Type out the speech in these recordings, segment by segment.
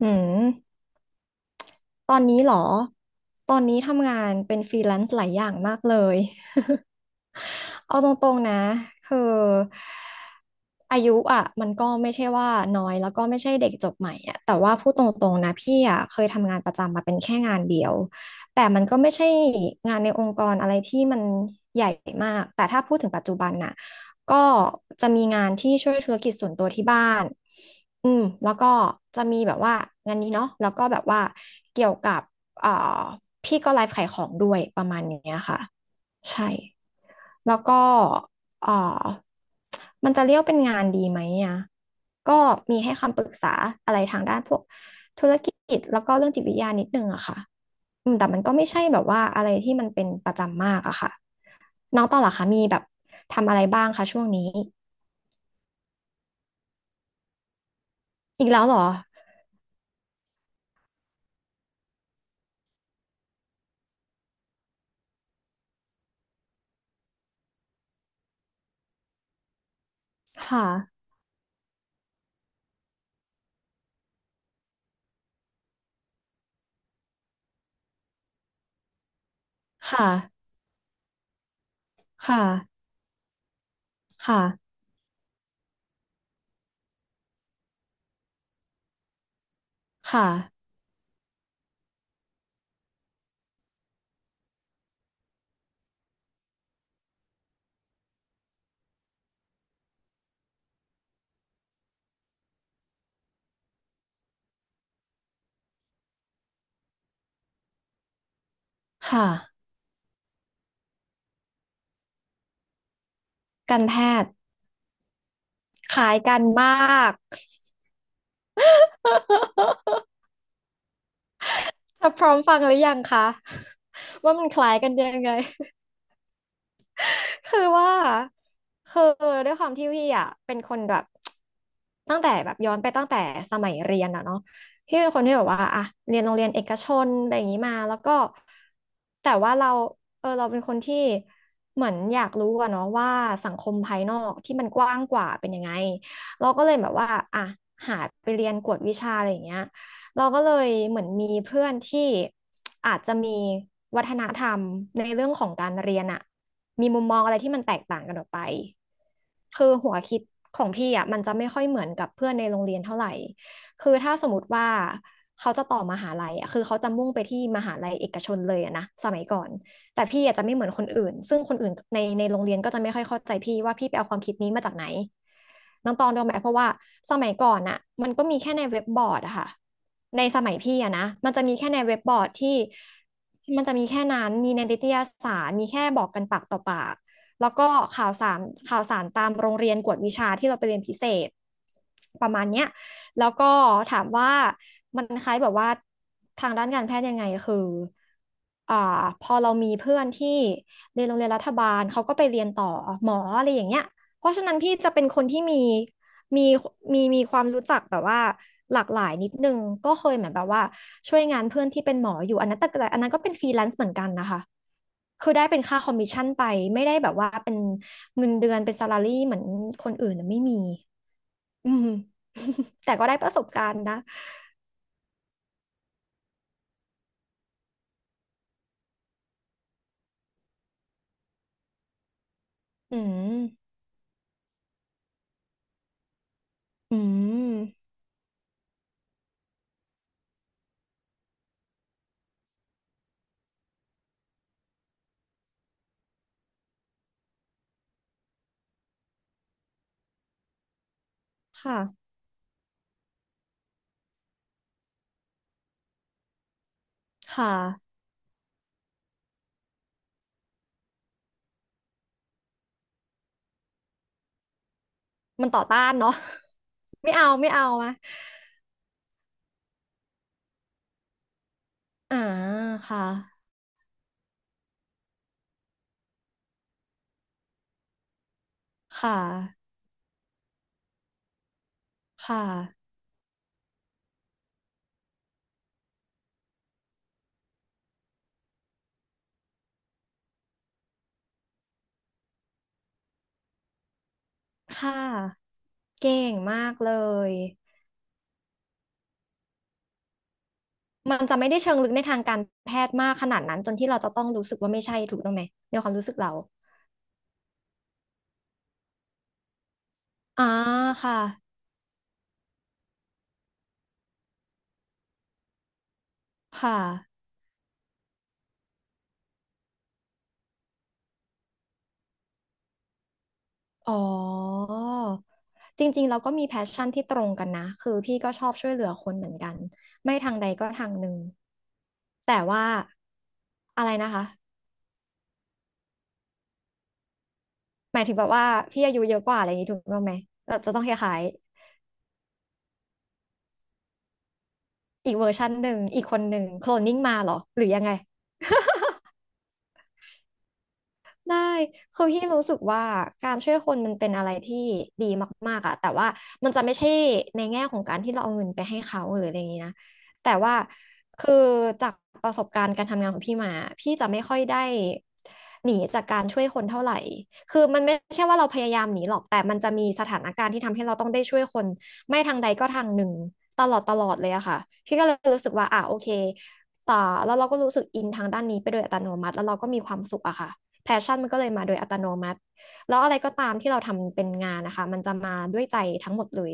อืมตอนนี้เหรอตอนนี้ทำงานเป็นฟรีแลนซ์หลายอย่างมากเลย เอาตรงๆนะคืออายุอ่ะมันก็ไม่ใช่ว่าน้อยแล้วก็ไม่ใช่เด็กจบใหม่อ่ะแต่ว่าพูดตรงๆนะพี่อ่ะเคยทำงานประจำมาเป็นแค่งานเดียวแต่มันก็ไม่ใช่งานในองค์กรอะไรที่มันใหญ่มากแต่ถ้าพูดถึงปัจจุบันน่ะก็จะมีงานที่ช่วยธุรกิจส่วนตัวที่บ้านอืมแล้วก็จะมีแบบว่างานนี้เนาะแล้วก็แบบว่าเกี่ยวกับเอ่อพี่ก็ไลฟ์ขายของด้วยประมาณเนี้ยค่ะใช่ แล้วก็เอ่อมันจะเรียกเป็นงานดีไหมอ่ะก็มีให้คำปรึกษาอะไรทางด้านพวกธุรกิจแล้วก็เรื่องจิตวิทยานิดนึงอะค่ะอืมแต่มันก็ไม่ใช่แบบว่าอะไรที่มันเป็นประจำมากอะค่ะน้องต่อเหรอคะมีแบบทำอะไรบ้างคะช่วงนี้อีกแล้วเหรอค่ะค่ะค่ะค่ะค่ะค่ะการแพทย์คล้ายกันมาก จะพร้อมฟังหรือยังคะ ว่ามันคล้ายกันยังไง คือว่าคือด้วยความที่พี่อ่ะเป็นคนแบบ ตั้งแต่แบบย้อนไปตั้งแต่สมัยเรียนอะเนาะพี่เป็นคนที่แบบว่าอะเรียนโรงเรียนเอกชนอะไรอย่างนี้มาแล้วก็แต่ว่าเราเออเราเป็นคนที่เหมือนอยากรู้อะเนาะว่าสังคมภายนอกที่มันกว้างกว่าเป็นยังไงเราก็เลยแบบว่าอะหาไปเรียนกวดวิชาอะไรอย่างเงี้ยเราก็เลยเหมือนมีเพื่อนที่อาจจะมีวัฒนธรรมในเรื่องของการเรียนอะ มีมุมมองอะไรที่มันแตกต่างกันออกไปคือหัวคิดของพี่อ่ะมันจะไม่ค่อยเหมือนกับเพื่อนในโรงเรียนเท่าไหร่คือถ้าสมมติว่าเขาจะต่อมหาลัยอ่ะคือเขาจะมุ่งไปที่มหาลัยเอกชนเลยอะนะสมัยก่อนแต่พี่อาจจะไม่เหมือนคนอื่นซึ่งคนอื่นในโรงเรียนก็จะไม่ค่อยเข้าใจพี่ว่าพี่ไปเอาความคิดนี้มาจากไหนน้องตองรู้ไหมเพราะว่าสมัยก่อนอ่ะมันก็มีแค่ในเว็บบอร์ดอะค่ะ ในสมัยพี่อะนะมันจะมีแค่ในเว็บบอร์ดที่มันจะมีแค่นั้น มีในนิตยสารมีแค่บอกกันปากต่อปาก แล้วก็ข่าวสารข่าวสารตามโรงเรียนกวดวิชาที่เราไปเรียนพิเศษประมาณเนี้ยแล้วก็ถามว่ามันคล้ายแบบว่าทางด้านการแพทย์ยังไงคืออ่าพอเรามีเพื่อนที่เรียนโรงเรียนรัฐบาลเขาก็ไปเรียนต่อหมออะไรอย่างเงี้ยเพราะฉะนั้นพี่จะเป็นคนที่มี มีมีความรู้จักแบบว่าหลากหลายนิดนึงก็เคยเหมือนแบบว่าช่วยงานเพื่อนที่เป็นหมออยู่อันนั้นแต่อันนั้นก็เป็นฟรีแลนซ์เหมือนกันนะคะคือได้เป็นค่าคอมมิชชั่นไปไม่ได้แบบว่าเป็นเงินเดือนเป็นซาลารี่เหมือนคนอื่นน่ะไม่มีอืม แต่ก็ได้ประสบการณ์นะอืมอืมค่ะค่ะมันต่อต้านเนาะ ไม่เอาไม่เอาอะอ่าค่ะค่ะค่ะค่ะเก่งมากเลย มันจะไม่ได้เชิงลึกในทางการแพทย์มากขนาดนั้นจนที่เราจะต้องรู้สึกว่าไม่ใช่ถูกต้องไหมในความรู้สึกเราอ่าค่ะค่ะอ๋อจริงๆเราก็มีแพชชั่นที่ตรงกันนะคือพี่ก็ชอบช่วยเหลือคนเหมือนกันไม่ทางใดก็ทางหนึ่งแต่ว่าอะไรนะคะหมายถึงแบบว่าพี่อายุเยอะกว่าอะไรอย่างนี้ถูกต้องไหมเราจะต้องคล้ายๆอีกเวอร์ชันหนึ่งอีกคนหนึ่งโคลนนิ่งมาเหรอหรือยังไง ได้คือพี่รู้สึกว่าการช่วยคนมันเป็นอะไรที่ดีมากๆอะแต่ว่ามันจะไม่ใช่ในแง่ของการที่เราเอาเงินไปให้เขาหรืออะไรอย่างนี้นะแต่ว่าคือจากประสบการณ์การทำงานของพี่มาพี่จะไม่ค่อยได้หนีจากการช่วยคนเท่าไหร่คือมันไม่ใช่ว่าเราพยายามหนีหรอกแต่มันจะมีสถานการณ์ที่ทำให้เราต้องได้ช่วยคนไม่ทางใดก็ทางหนึ่งตลอดตลอดเลยอะค่ะพี่ก็เลยรู้สึกว่าอ่ะโอเคต่อแล้วเราก็รู้สึกอินทางด้านนี้ไปโดยอัตโนมัติแล้วเราก็มีความสุขอะค่ะ แพชชั่นมันก็เลยมาโดยอัตโนมัติแล้วอะไรก็ตามที่เราทำเป็นงานนะคะมันจะมาด้วยใจทั้งหมดเลย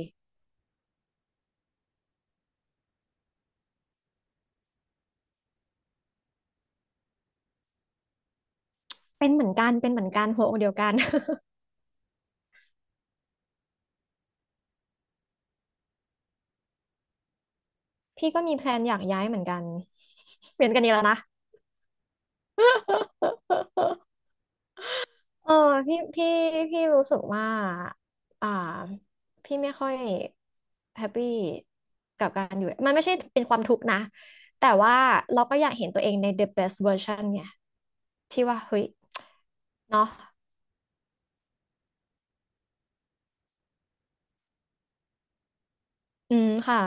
เป็นเหมือนกันเป็นเหมือนกันหัวอกเดียวกัน พี่ก็มีแพลนอยากย้ายเหมือนกันเปลี่ยนกันอีกแล้วนะ เออพี่พี่พี่รู้สึกว่าอ่าพี่ไม่ค่อยแฮปปี้กับการอยู่มันไม่ใช่เป็นความทุกข์นะแต่ว่าเราก็อยากเห็นตัวเองใน the best version ไงที่ว่าเฮ้ยเนาะอืมค่ะ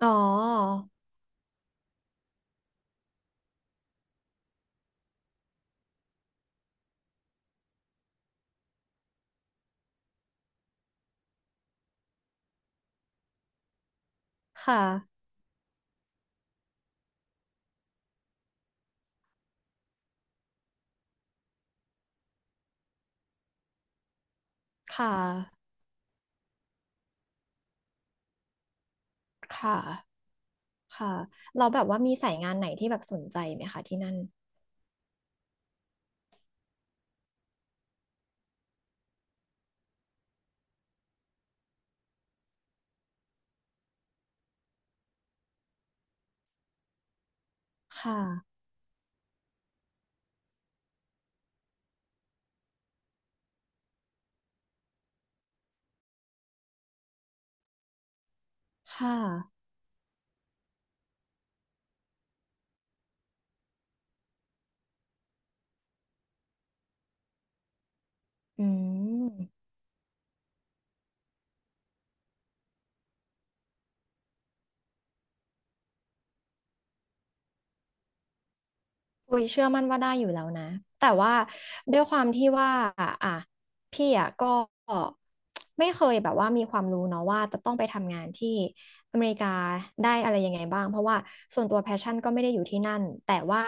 อ๋อ ค่ะ ค่ะ ค่ะ ค่ะ เราแบบว่ามีสายงานไหนที่แบบสนใจไหมคะที่นั่น ค่ะ ค่ะ อืม อุ้ยเชื่อมั่นว่าได้อยู่แล้วนะแต่ว่าด้วยความที่ว่าอ่ะพี่อ่ะก็ไม่เคยแบบว่ามีความรู้เนาะว่าจะต้องไปทำงานที่อเมริกาได้อะไรยังไงบ้างเพราะว่าส่วนตัวแพชชั่นก็ไม่ได้อยู่ที่นั่นแต่ว่า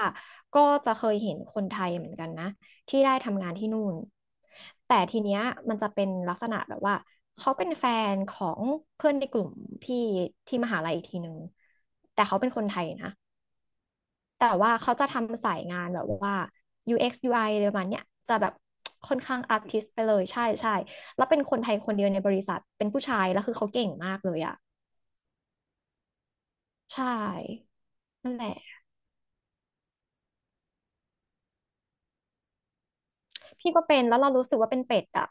ก็จะเคยเห็นคนไทยเหมือนกันนะที่ได้ทำงานที่นู่นแต่ทีเนี้ยมันจะเป็นลักษณะแบบว่าเขาเป็นแฟนของเพื่อนในกลุ่มพี่ที่มหาลัยอีกทีนึงแต่เขาเป็นคนไทยนะ แต่ว่าเขาจะทำสายงานแบบว่า UX UI อกซ์ยูไออะไรประมาณเนี้ยจะแบบค่อนข้างอาร์ติสต์ไปเลยใช่ใช่แล้วเป็นคนไทยคนเดียวในบริษัทเป็นผู้ชายแล้วคือเขาเก่งมากเลยอะใช่นั่นแหละพี่ก็เป็นแล้วเรารู้สึกว่าเป็นเป็ดอะ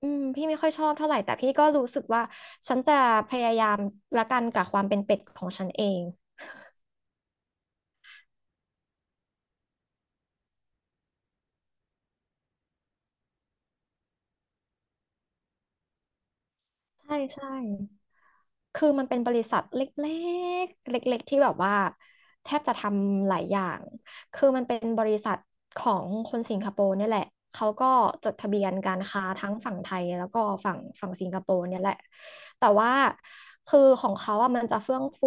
อืมพี่ไม่ค่อยชอบเท่าไหร่แต่พี่ก็รู้สึกว่าฉันจะพยายามละกันกับความเป็นเป็ดของฉันเองใช่ใช่ คือมันเป็นบริษัทเล็กๆเล็กๆที่แบบว่าแทบจะทำหลายอย่างคือมันเป็นบริษัทของคนสิงคโปร์เนี่ยแหละเขาก็จดทะเบียนการค้าทั้งฝั่งไทยแล้วก็ฝั่งสิงคโปร์เนี่ยแหละแต่ว่าคือของเขาอะมันจะเฟื่องฟู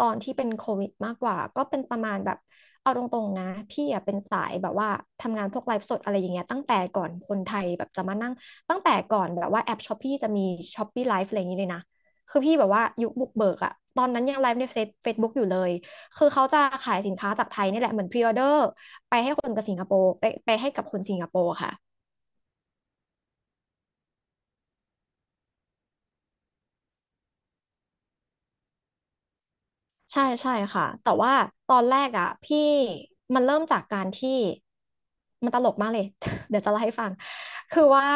ตอนที่เป็นโควิดมากกว่าก็เป็นประมาณแบบเอาตรงๆนะพี่อะเป็นสายแบบว่าทำงานพวกไลฟ์สดอะไรอย่างเงี้ยตั้งแต่ก่อนคนไทยแบบจะมานั่งตั้งแต่ก่อนแบบว่าแอปช้อปปี้จะมีช้อปปี้ไลฟ์อะไรอย่างงี้เลยนะ คือพี่แบบว่ายุคบุกเบิกอะตอนนั้นยังไลฟ์ในเฟซบุ๊กอยู่เลยคือเขาจะขายสินค้าจากไทยนี่แหละเหมือนพรีออเดอร์ไปให้คนกับสิงคโปร์ไปให้กับคนสิงคโปร์ค่ะ ใช่ใช่ค่ะแต่ว่าตอนแรกอ่ะพี่มันเริ่มจากการที่มันตลกมากเลย เดี๋ยวจะเล่าให้ฟังคือว่า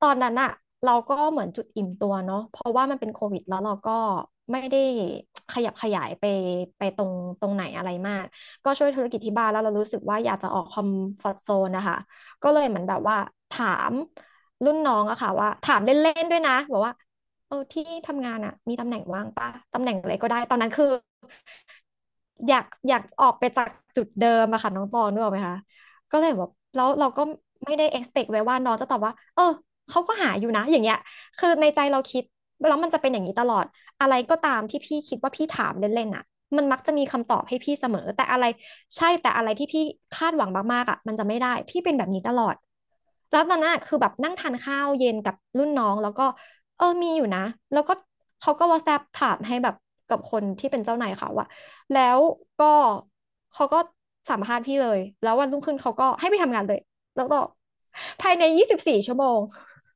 ตอนนั้นอ่ะเราก็เหมือนจุดอิ่มตัวเนาะเพราะว่ามันเป็นโควิดแล้วเราก็ไม่ได้ขยับขยายไปตรงไหนอะไรมากก็ช่วยธุรกิจที่บ้านแล้วเรารู้สึกว่าอยากจะออกคอมฟอร์ z โซนนะคะก็เลยเหมือนแบบว่าถามรุ่นน้องอะค่ะว่าถามเล่นๆด้วยนะบอกว่า เออที่ทำงานอ่ะมีตำแหน่งว่างปะตำแหน่งอะไรก็ได้ตอนนั้นคืออยากออกไปจากจุดเดิมอะค่ะน้องตองนึกออกไหมคะก็เลยแบบแล้วเราก็ไม่ได้ expect ไว้ว่าน้องจะตอบว่าเออเขาก็หาอยู่นะอย่างเงี้ยคือในใจเราคิดแล้วมันจะเป็นอย่างนี้ตลอดอะไรก็ตามที่พี่คิดว่าพี่ถามเล่นๆอะมันมักจะมีคำตอบให้พี่เสมอแต่อะไรใช่แต่อะไรที่พี่คาดหวังมากๆอะมันจะไม่ได้พี่เป็นแบบนี้ตลอดแล้วตอนนั้นอะคือแบบนั่งทานข้าวเย็นกับรุ่นน้องแล้วก็ เออ มีอยู่นะ แล้วก็เขาก็ WhatsApp ถามให้แบบกับคนที่เป็นเจ้านายเขาอะแล้วก็เขาก็สัมภาษณ์พี่เลย แล้ววันรุ่งขึ้นเขาก็ให้ไปทำงานเลย แล้วก็ภายใน24 ชั่วโมง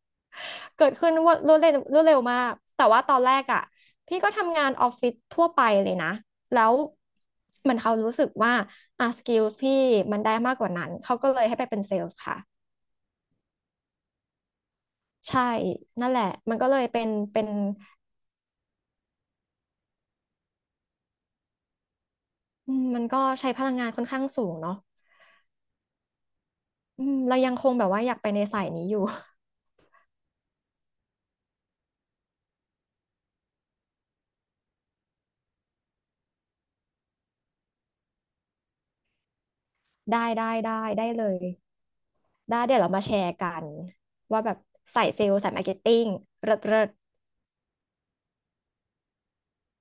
เกิดขึ้นว่ารวดเร็วมากแต่ว่าตอนแรกอะพี่ก็ทำงานออฟฟิศทั่วไปเลยนะ แล้วมันเขารู้สึกว่าอ่ะสกิลพี่มันได้มากกว่านั้น เขาก็เลยให้ไปเป็นเซลส์ค่ะใช่นั่นแหละมันก็เลยเป็น อืมมันก็ใช้พลังงานค่อนข้างสูงเนาะอืมเรายังคงแบบว่าอยากไปในสายนี้อยู่ ได้ได้เลยได้เดี๋ยวเรามาแชร์กันว่าแบบสายเซลล์สายมาร์เก็ตติ้งเลิศ